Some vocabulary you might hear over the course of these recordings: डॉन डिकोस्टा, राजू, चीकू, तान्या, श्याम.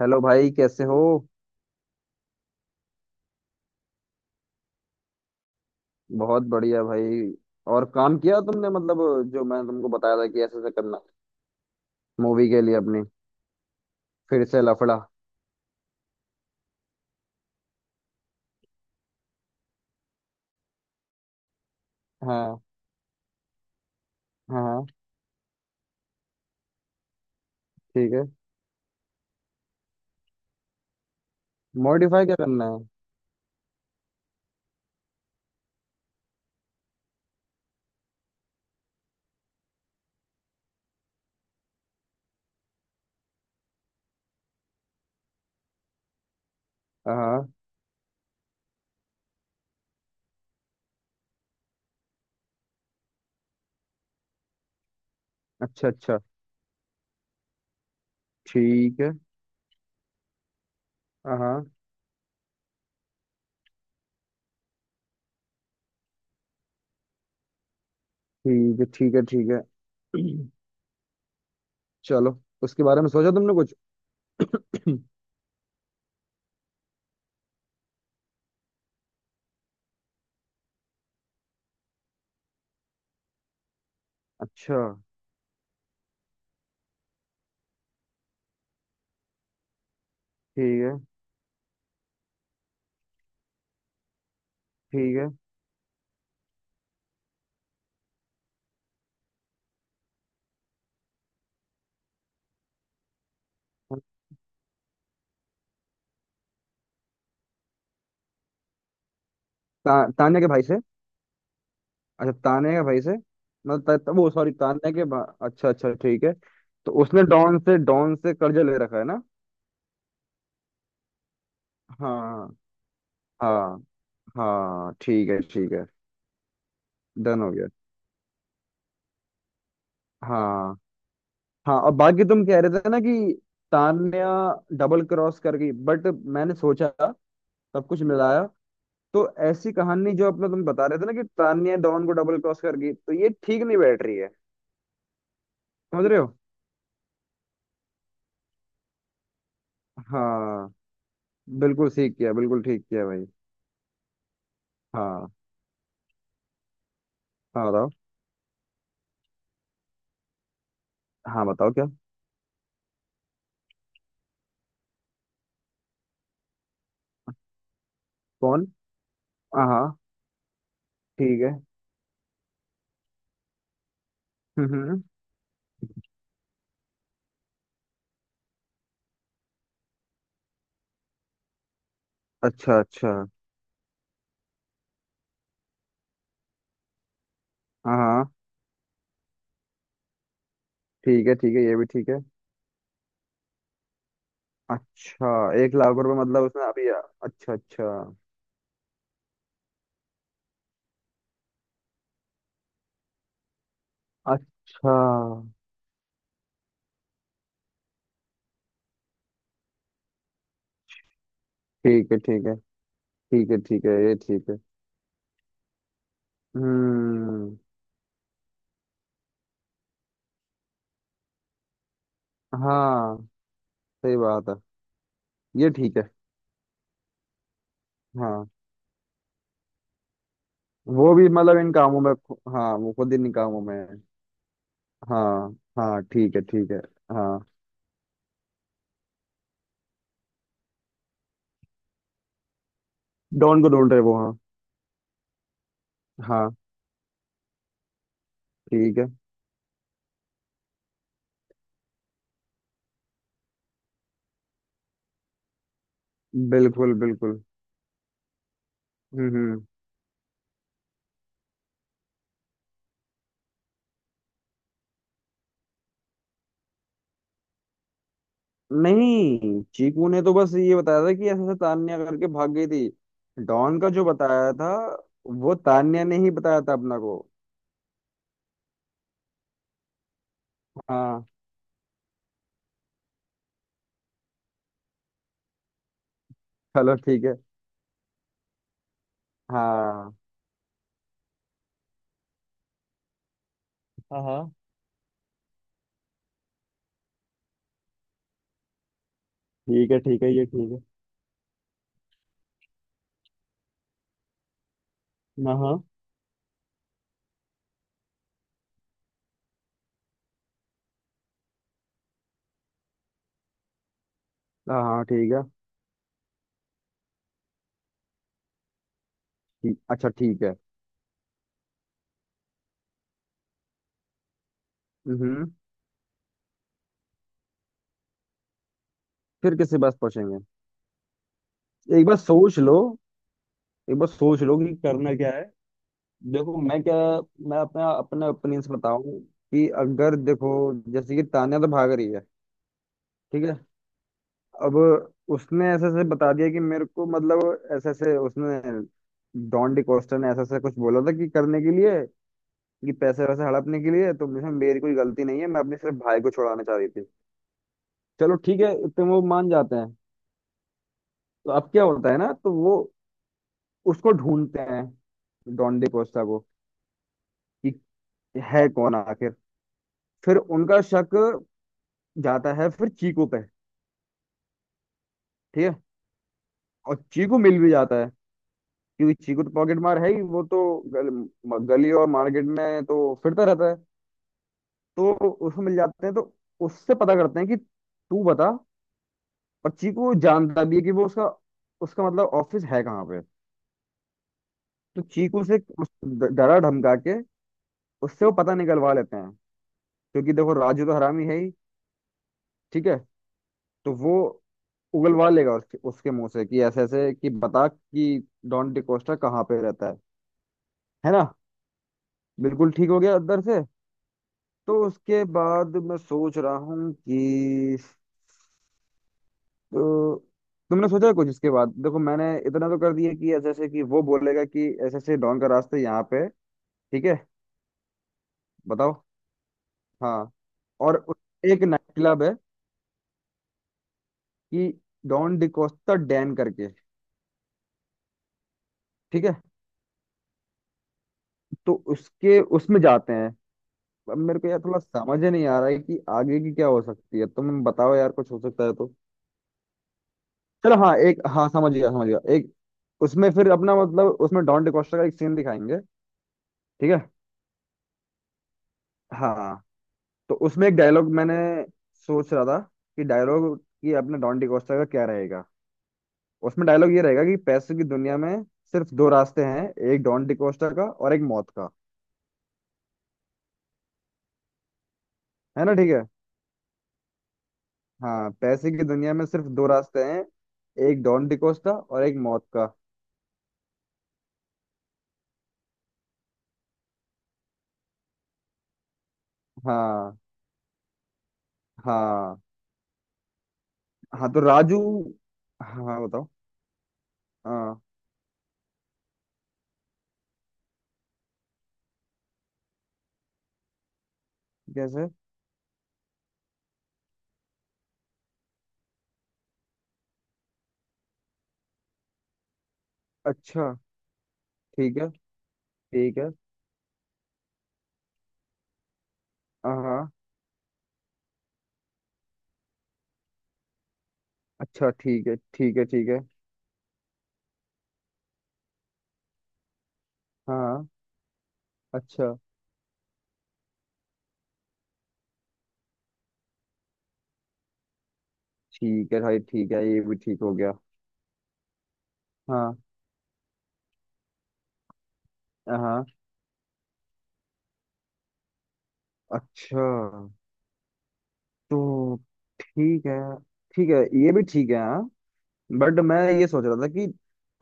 Hello भाई, कैसे हो? बहुत बढ़िया भाई। और काम किया तुमने? मतलब जो मैं तुमको बताया था कि ऐसे ऐसे करना, मूवी के लिए अपनी। फिर से लफड़ा। हाँ हाँ, ठीक है। मॉडिफाई क्या करना है? हाँ हाँ। अच्छा अच्छा, ठीक है। हाँ हाँ। ठीक है ठीक है ठीक है। चलो, उसके बारे में सोचा तुमने कुछ? अच्छा, ठीक है ठीक है। तान्या के भाई से? अच्छा, तान्या के भाई से। मतलब त, त, वो सॉरी तान्या के अच्छा अच्छा, ठीक है। तो उसने डॉन से कर्जा ले रखा है ना? हाँ हाँ। हाँ, ठीक है ठीक है। डन हो गया। हाँ हाँ। और बाकी तुम कह रहे थे ना कि तान्या डबल क्रॉस कर गई बट मैंने सोचा, सब कुछ मिलाया तो ऐसी कहानी, जो अपना तुम बता रहे थे ना कि तान्या डॉन को डबल क्रॉस कर गई, तो ये ठीक नहीं बैठ रही है। समझ रहे हो? हाँ, बिल्कुल ठीक किया, बिल्कुल ठीक किया भाई। हाँ। हाँ बताओ। हाँ बताओ क्या? कौन? हाँ हाँ। ठीक है। हम्म हम्म, हम्म। अच्छा अच्छा। हाँ हाँ, ठीक है ठीक है, ये भी ठीक है। अच्छा, एक लाख रुपए मतलब उसने अच्छा अच्छा। अच्छा। ठीक है ठीक है ठीक है। ठीक है, ये ठीक है। हम्म। हाँ, सही बात है। ये ठीक है। हाँ, वो भी मतलब इन कामों में खु- हाँ वो खुद इन कामों में है। हाँ हाँ, ठीक है ठीक है। हाँ। डॉन को ढूंढ रहे वो, हाँ। हाँ, ठीक है। बिल्कुल बिल्कुल। हम्म हम्म। नहीं, चीकू ने तो बस ये बताया था कि ऐसे ऐसे तान्या करके भाग गई थी। डॉन का जो बताया था, वो तान्या ने ही बताया था अपना को। हाँ। चलो, ठीक है। हाँ हाँ। हाँ, ठीक है ठीक है, ये ठीक है। हाँ हाँ। हाँ हाँ, ठीक है। ठीक, अच्छा ठीक है। हम्म। फिर किसके पास पहुंचेंगे? एक बार सोच लो। एक बार सोच लो कि करना क्या है। देखो मैं क्या, मैं अपना अपना ओपिनियन बताऊं कि अगर देखो, जैसे कि तान्या तो भाग रही है। ठीक है। अब उसने ऐसे ऐसे बता दिया कि मेरे को, मतलब ऐसे ऐसे उसने, डॉन डिकोस्टा ने ऐसा ऐसा कुछ बोला था कि करने के लिए, कि पैसे वैसे हड़पने के लिए, तो मुझे मेरी कोई गलती नहीं है, मैं अपने सिर्फ भाई को छुड़ाना चाह रही थी। चलो ठीक है, इतने वो मान जाते हैं। तो अब क्या होता है ना, तो वो उसको ढूंढते हैं, डॉन डिकोस्टा को, कि है कौन आखिर। फिर उनका शक जाता है फिर चीकू पे। ठीक है। और चीकू मिल भी जाता है, क्योंकि चीकू तो पॉकेट मार है ही, वो तो गली और मार्केट में तो फिरता रहता है। तो उसको मिल जाते हैं, तो उससे पता करते हैं कि तू बता। और चीकू जानता भी है कि वो उसका, उसका मतलब ऑफिस है कहाँ पे। तो चीकू से डरा धमका के उससे वो पता निकलवा लेते हैं, क्योंकि देखो राजू तो हरामी है ही। ठीक है। तो वो उगलवा लेगा उसके उसके मुंह से कि ऐसे ऐसे, कि बता कि डॉन डिकोस्टा कहाँ पे रहता है। है ना? बिल्कुल ठीक हो गया उधर से। तो उसके बाद मैं सोच रहा हूँ कि, तो तुमने सोचा है कुछ इसके बाद? देखो मैंने इतना तो कर दिया कि जैसे कि वो बोलेगा कि ऐसे ऐसे डॉन का रास्ता यहाँ पे है, ठीक है? बताओ। हाँ। और उस- एक नाइट क्लब है कि डॉन डिकोस्टा डैन करके। ठीक है। तो उसके उसमें जाते हैं। अब मेरे को यार थोड़ा समझ ही नहीं आ रहा है कि आगे की क्या हो सकती है। तुम बताओ यार, कुछ हो सकता है तो। चलो हाँ, एक, हाँ समझ गया समझ गया। एक उसमें फिर अपना, मतलब उसमें डॉन डिकोस्टा का एक सीन दिखाएंगे। ठीक है। हाँ। तो उसमें एक डायलॉग मैंने सोच रहा था कि डायलॉग ये अपने डॉन डिकोस्टा का क्या रहेगा। उसमें डायलॉग ये रहेगा कि पैसे की दुनिया में सिर्फ दो रास्ते हैं, एक डॉन डिकोस्टा का और एक मौत का। है ना, ठीक है? हाँ, पैसे की दुनिया में सिर्फ दो रास्ते हैं, एक डॉन डिकोस्टा और एक मौत का। हाँ हाँ। हाँ तो राजू। हाँ बताओ। हाँ। कैसे? अच्छा, ठीक है ठीक है। हाँ हाँ, अच्छा, ठीक है ठीक है ठीक है। हाँ। अच्छा, ठीक है भाई, ठीक है, ये भी ठीक हो गया। हाँ हाँ। अच्छा। तो ठीक है, ठीक है, ये भी ठीक है। हाँ, बट मैं ये सोच रहा था कि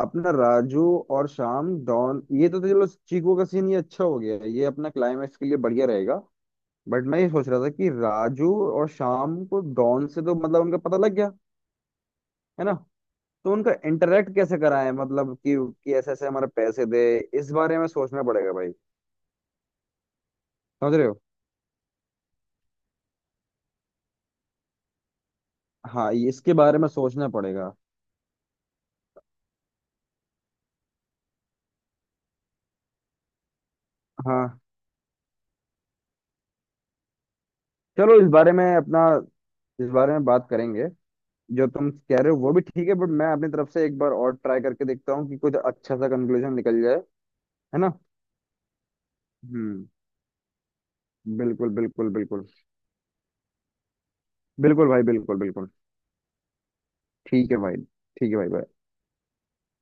अपना राजू और श्याम डॉन, ये तो चलो चीकू का सीन ये अच्छा हो गया है, ये अपना क्लाइमैक्स के लिए बढ़िया रहेगा। बट मैं ये सोच रहा था कि राजू और श्याम को डॉन से तो मतलब उनका पता लग गया। है ना? तो उनका इंटरेक्ट कैसे कराएं? मतलब कि ऐसे ऐसे हमारे पैसे दे। इस बारे में सोचना पड़ेगा भाई। समझ रहे हो? हाँ, इसके बारे में सोचना पड़ेगा। हाँ, चलो इस बारे में अपना, इस बारे में बात करेंगे। जो तुम कह रहे हो वो भी ठीक है, बट मैं अपनी तरफ से एक बार और ट्राई करके देखता हूँ कि कुछ अच्छा सा कंक्लूजन निकल जाए। है ना? हम्म। बिल्कुल बिल्कुल बिल्कुल। बिल्कुल भाई, बिल्कुल बिल्कुल। ठीक है भाई, ठीक है भाई भाई।